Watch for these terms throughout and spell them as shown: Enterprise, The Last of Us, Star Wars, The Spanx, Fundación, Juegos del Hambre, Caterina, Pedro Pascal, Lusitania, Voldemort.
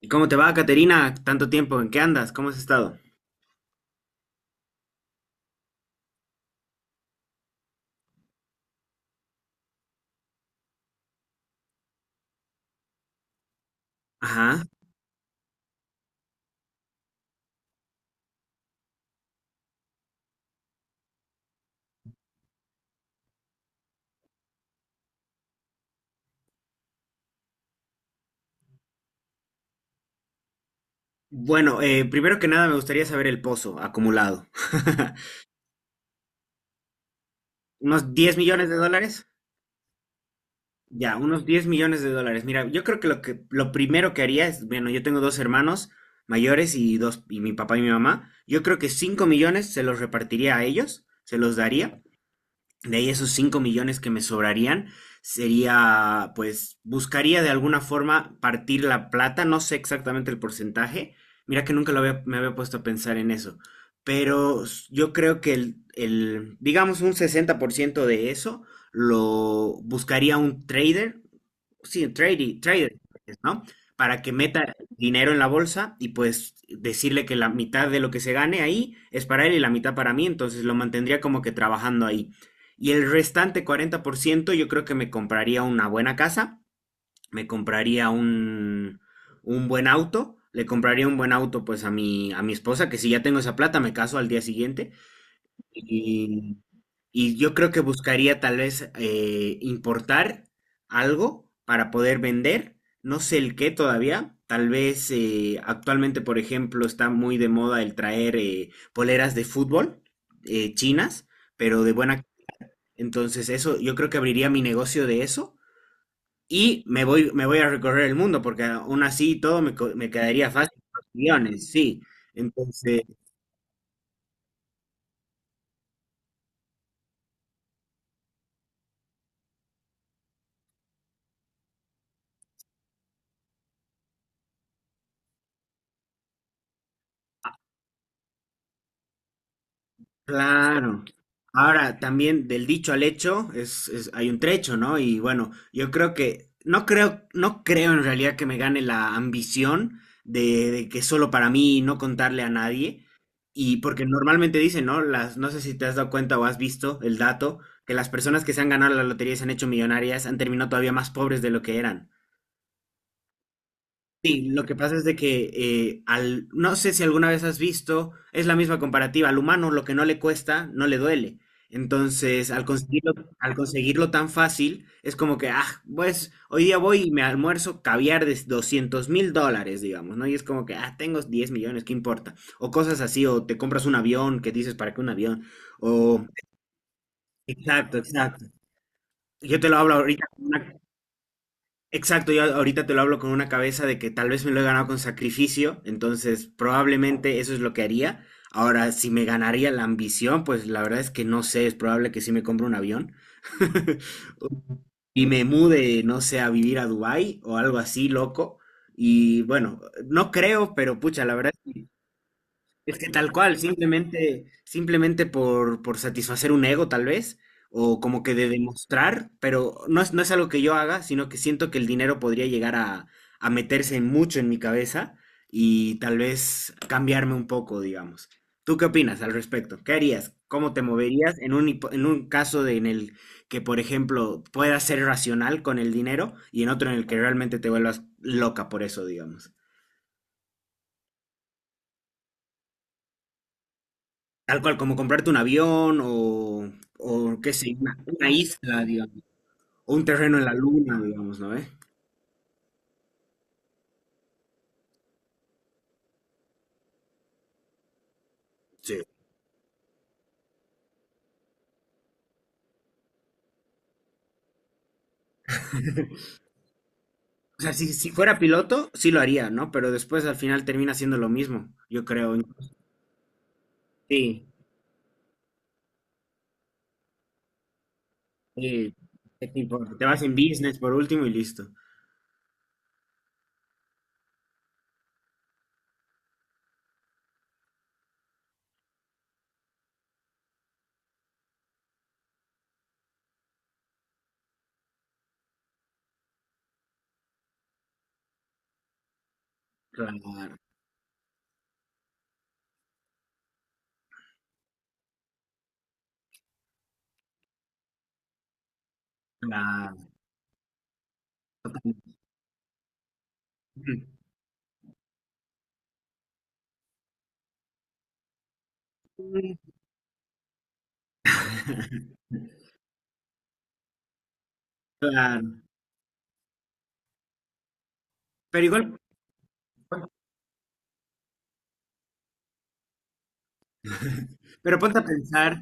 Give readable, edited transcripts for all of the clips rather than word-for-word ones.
¿Y cómo te va, Caterina? Tanto tiempo, ¿en qué andas? ¿Cómo has estado? Ajá. Bueno, primero que nada me gustaría saber el pozo acumulado. ¿Unos $10 millones? Ya, unos $10 millones. Mira, yo creo que lo primero que haría es, bueno, yo tengo dos hermanos mayores y mi papá y mi mamá. Yo creo que 5 millones se los repartiría a ellos, se los daría. De ahí esos 5 millones que me sobrarían, sería, pues, buscaría de alguna forma partir la plata, no sé exactamente el porcentaje, mira que nunca me había puesto a pensar en eso, pero yo creo que el, digamos, un 60% de eso lo buscaría un trader, sí, un trader, ¿no? Para que meta dinero en la bolsa y pues decirle que la mitad de lo que se gane ahí es para él y la mitad para mí, entonces lo mantendría como que trabajando ahí. Y el restante 40% yo creo que me compraría una buena casa, me compraría un buen auto, le compraría un buen auto pues a mi esposa, que si ya tengo esa plata me caso al día siguiente. Y, y yo creo que buscaría tal vez importar algo para poder vender, no sé el qué todavía. Tal vez actualmente, por ejemplo, está muy de moda el traer poleras de fútbol chinas, pero de buena. Entonces, eso, yo creo que abriría mi negocio de eso y me voy a recorrer el mundo, porque aún así y todo me quedaría fácil con los guiones, sí. Entonces. Claro. Ahora, también del dicho al hecho hay un trecho, ¿no? Y bueno, yo creo que, no creo en realidad que me gane la ambición de que solo para mí y no contarle a nadie. Y porque normalmente dicen, ¿no? No sé si te has dado cuenta o has visto el dato, que las personas que se han ganado la lotería y se han hecho millonarias han terminado todavía más pobres de lo que eran. Sí, lo que pasa es de que no sé si alguna vez has visto, es la misma comparativa, al humano lo que no le cuesta, no le duele. Entonces, al conseguirlo tan fácil, es como que, ah, pues hoy día voy y me almuerzo caviar de $200.000, digamos, ¿no? Y es como que, ah, tengo 10 millones, ¿qué importa? O cosas así, o te compras un avión, que dices, ¿para qué un avión? O, exacto, exacto. Yo te lo hablo ahorita con una Exacto, yo ahorita te lo hablo con una cabeza de que tal vez me lo he ganado con sacrificio, entonces probablemente eso es lo que haría. Ahora, si me ganaría la ambición, pues la verdad es que no sé, es probable que sí me compre un avión y me mude, no sé, a vivir a Dubái o algo así, loco. Y bueno, no creo, pero pucha, la verdad. Es que tal cual, simplemente por satisfacer un ego, tal vez, o como que de demostrar, pero no es algo que yo haga, sino que siento que el dinero podría llegar a meterse mucho en mi cabeza y tal vez cambiarme un poco, digamos. ¿Tú qué opinas al respecto? ¿Qué harías? ¿Cómo te moverías en un caso de- en el que, por ejemplo, puedas ser racional con el dinero y en otro en el que realmente te vuelvas loca por eso, digamos? Tal cual, como comprarte un avión o qué sé, una isla, digamos, o un terreno en la luna, digamos, ¿no? Sí. O sea, si fuera piloto, sí lo haría, ¿no? Pero después al final termina siendo lo mismo, yo creo. Sí, sí, ¿qué te importa? Te vas en business por último y listo. Claro, claro. Claro. Pero igual, pero ponte a pensar,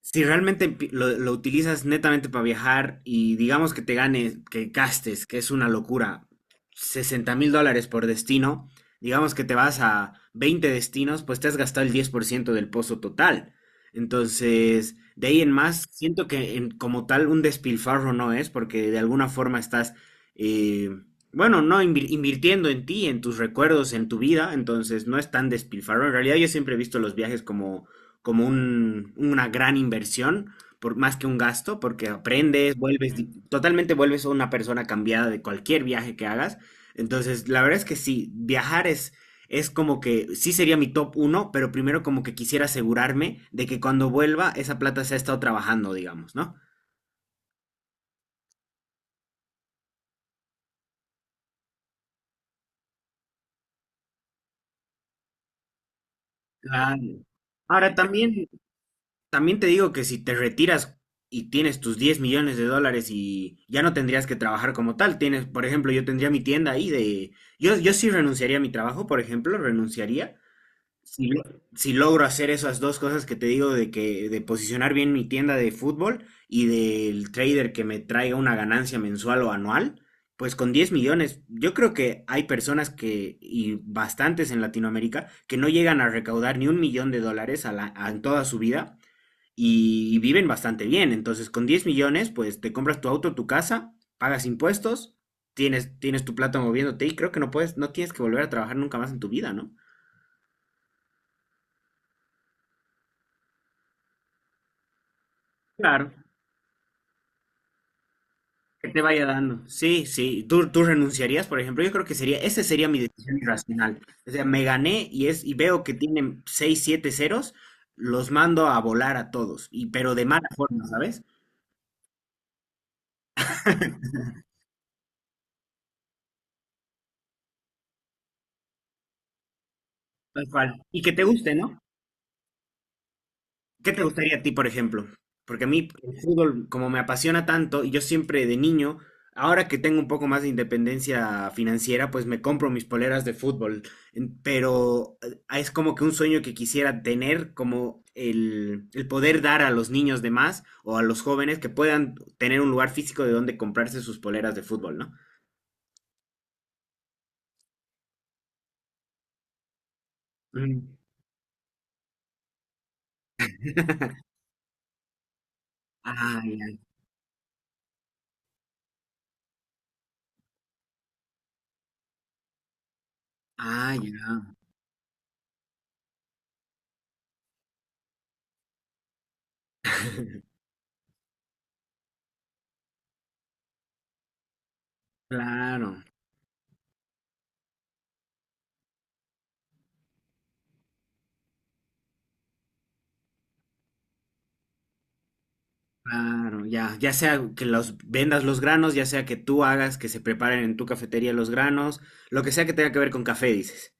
si realmente lo utilizas netamente para viajar y digamos que te ganes, que gastes, que es una locura, $60.000 por destino, digamos que te vas a 20 destinos, pues te has gastado el 10% del pozo total. Entonces, de ahí en más, siento que como tal un despilfarro no es, porque de alguna forma estás, eh, bueno, no invir- invirtiendo en ti, en tus recuerdos, en tu vida, entonces no es tan despilfarro. En realidad yo siempre he visto los viajes como una gran inversión, más que un gasto, porque aprendes, vuelves, totalmente vuelves una persona cambiada de cualquier viaje que hagas. Entonces, la verdad es que sí, viajar es como que sí sería mi top uno, pero primero como que quisiera asegurarme de que cuando vuelva esa plata se ha estado trabajando, digamos, ¿no? Claro. Ahora también. También te digo que si te retiras y tienes tus $10 millones y ya no tendrías que trabajar como tal, tienes, por ejemplo, yo tendría mi tienda ahí de... Yo sí renunciaría a mi trabajo, por ejemplo, renunciaría. Si, lo- si logro hacer esas dos cosas que te digo de que de posicionar bien mi tienda de fútbol y del trader que me traiga una ganancia mensual o anual, pues con 10 millones, yo creo que hay personas que, y bastantes en Latinoamérica, que no llegan a recaudar ni $1 millón en toda su vida y viven bastante bien. Entonces, con 10 millones, pues te compras tu auto, tu casa, pagas impuestos, tienes tu plata moviéndote y creo que no puedes, no tienes que volver a trabajar nunca más en tu vida, ¿no? Claro, que te vaya dando. Sí, sí. ¿Tú renunciarías, por ejemplo? Yo creo que sería, esa sería mi decisión irracional. O sea, me gané y veo que tienen 6 7 ceros, los mando a volar a todos, y pero de mala forma, ¿sabes? Tal cual. Y que te guste, ¿no? ¿Qué te gustaría a ti, por ejemplo? Porque a mí el fútbol, como me apasiona tanto, y yo siempre de niño, ahora que tengo un poco más de independencia financiera, pues me compro mis poleras de fútbol. Pero es como que un sueño que quisiera tener, como el poder dar a los niños de más o a los jóvenes que puedan tener un lugar físico de donde comprarse sus poleras de fútbol, ¿no? Mm. Ah, ya. Ah, ya. Claro. Claro, ya, ya sea que los vendas los granos, ya sea que tú hagas que se preparen en tu cafetería los granos, lo que sea que tenga que ver con café, dices.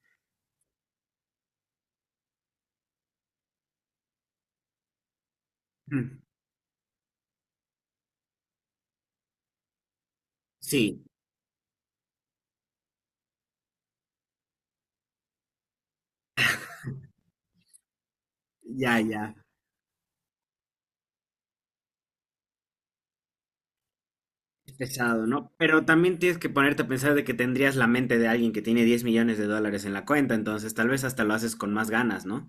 Mm. Sí, ya, ya, es pesado, ¿no? Pero también tienes que ponerte a pensar de que tendrías la mente de alguien que tiene $10 millones en la cuenta, entonces tal vez hasta lo haces con más ganas, ¿no?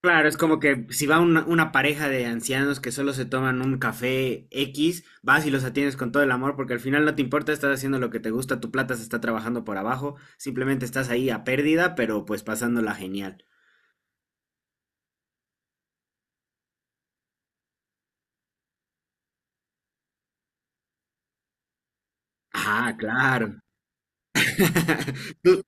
Claro, es como que si va una pareja de ancianos que solo se toman un café X, vas y los atiendes con todo el amor, porque al final no te importa, estás haciendo lo que te gusta, tu plata se está trabajando por abajo, simplemente estás ahí a pérdida, pero pues pasándola genial. Ah, claro. Tú,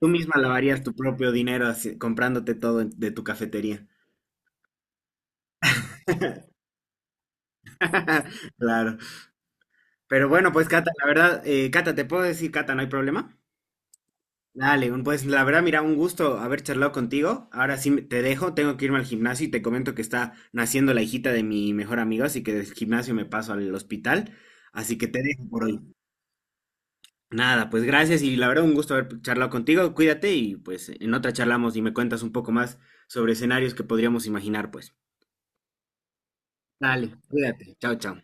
tú misma lavarías tu propio dinero así, de tu cafetería. Claro. Pero bueno, pues Cata, la verdad, Cata, ¿te puedo decir Cata, no hay problema? Dale, pues la verdad, mira, un gusto haber charlado contigo. Ahora sí te dejo, tengo que irme al gimnasio y te comento que está naciendo la hijita de mi mejor amigo, así que del gimnasio me paso al hospital. Así que te dejo por hoy. Nada, pues gracias y la verdad, un gusto haber charlado contigo. Cuídate y pues en otra charlamos y me cuentas un poco más sobre escenarios que podríamos imaginar, pues. Dale, cuídate. Chao, chao.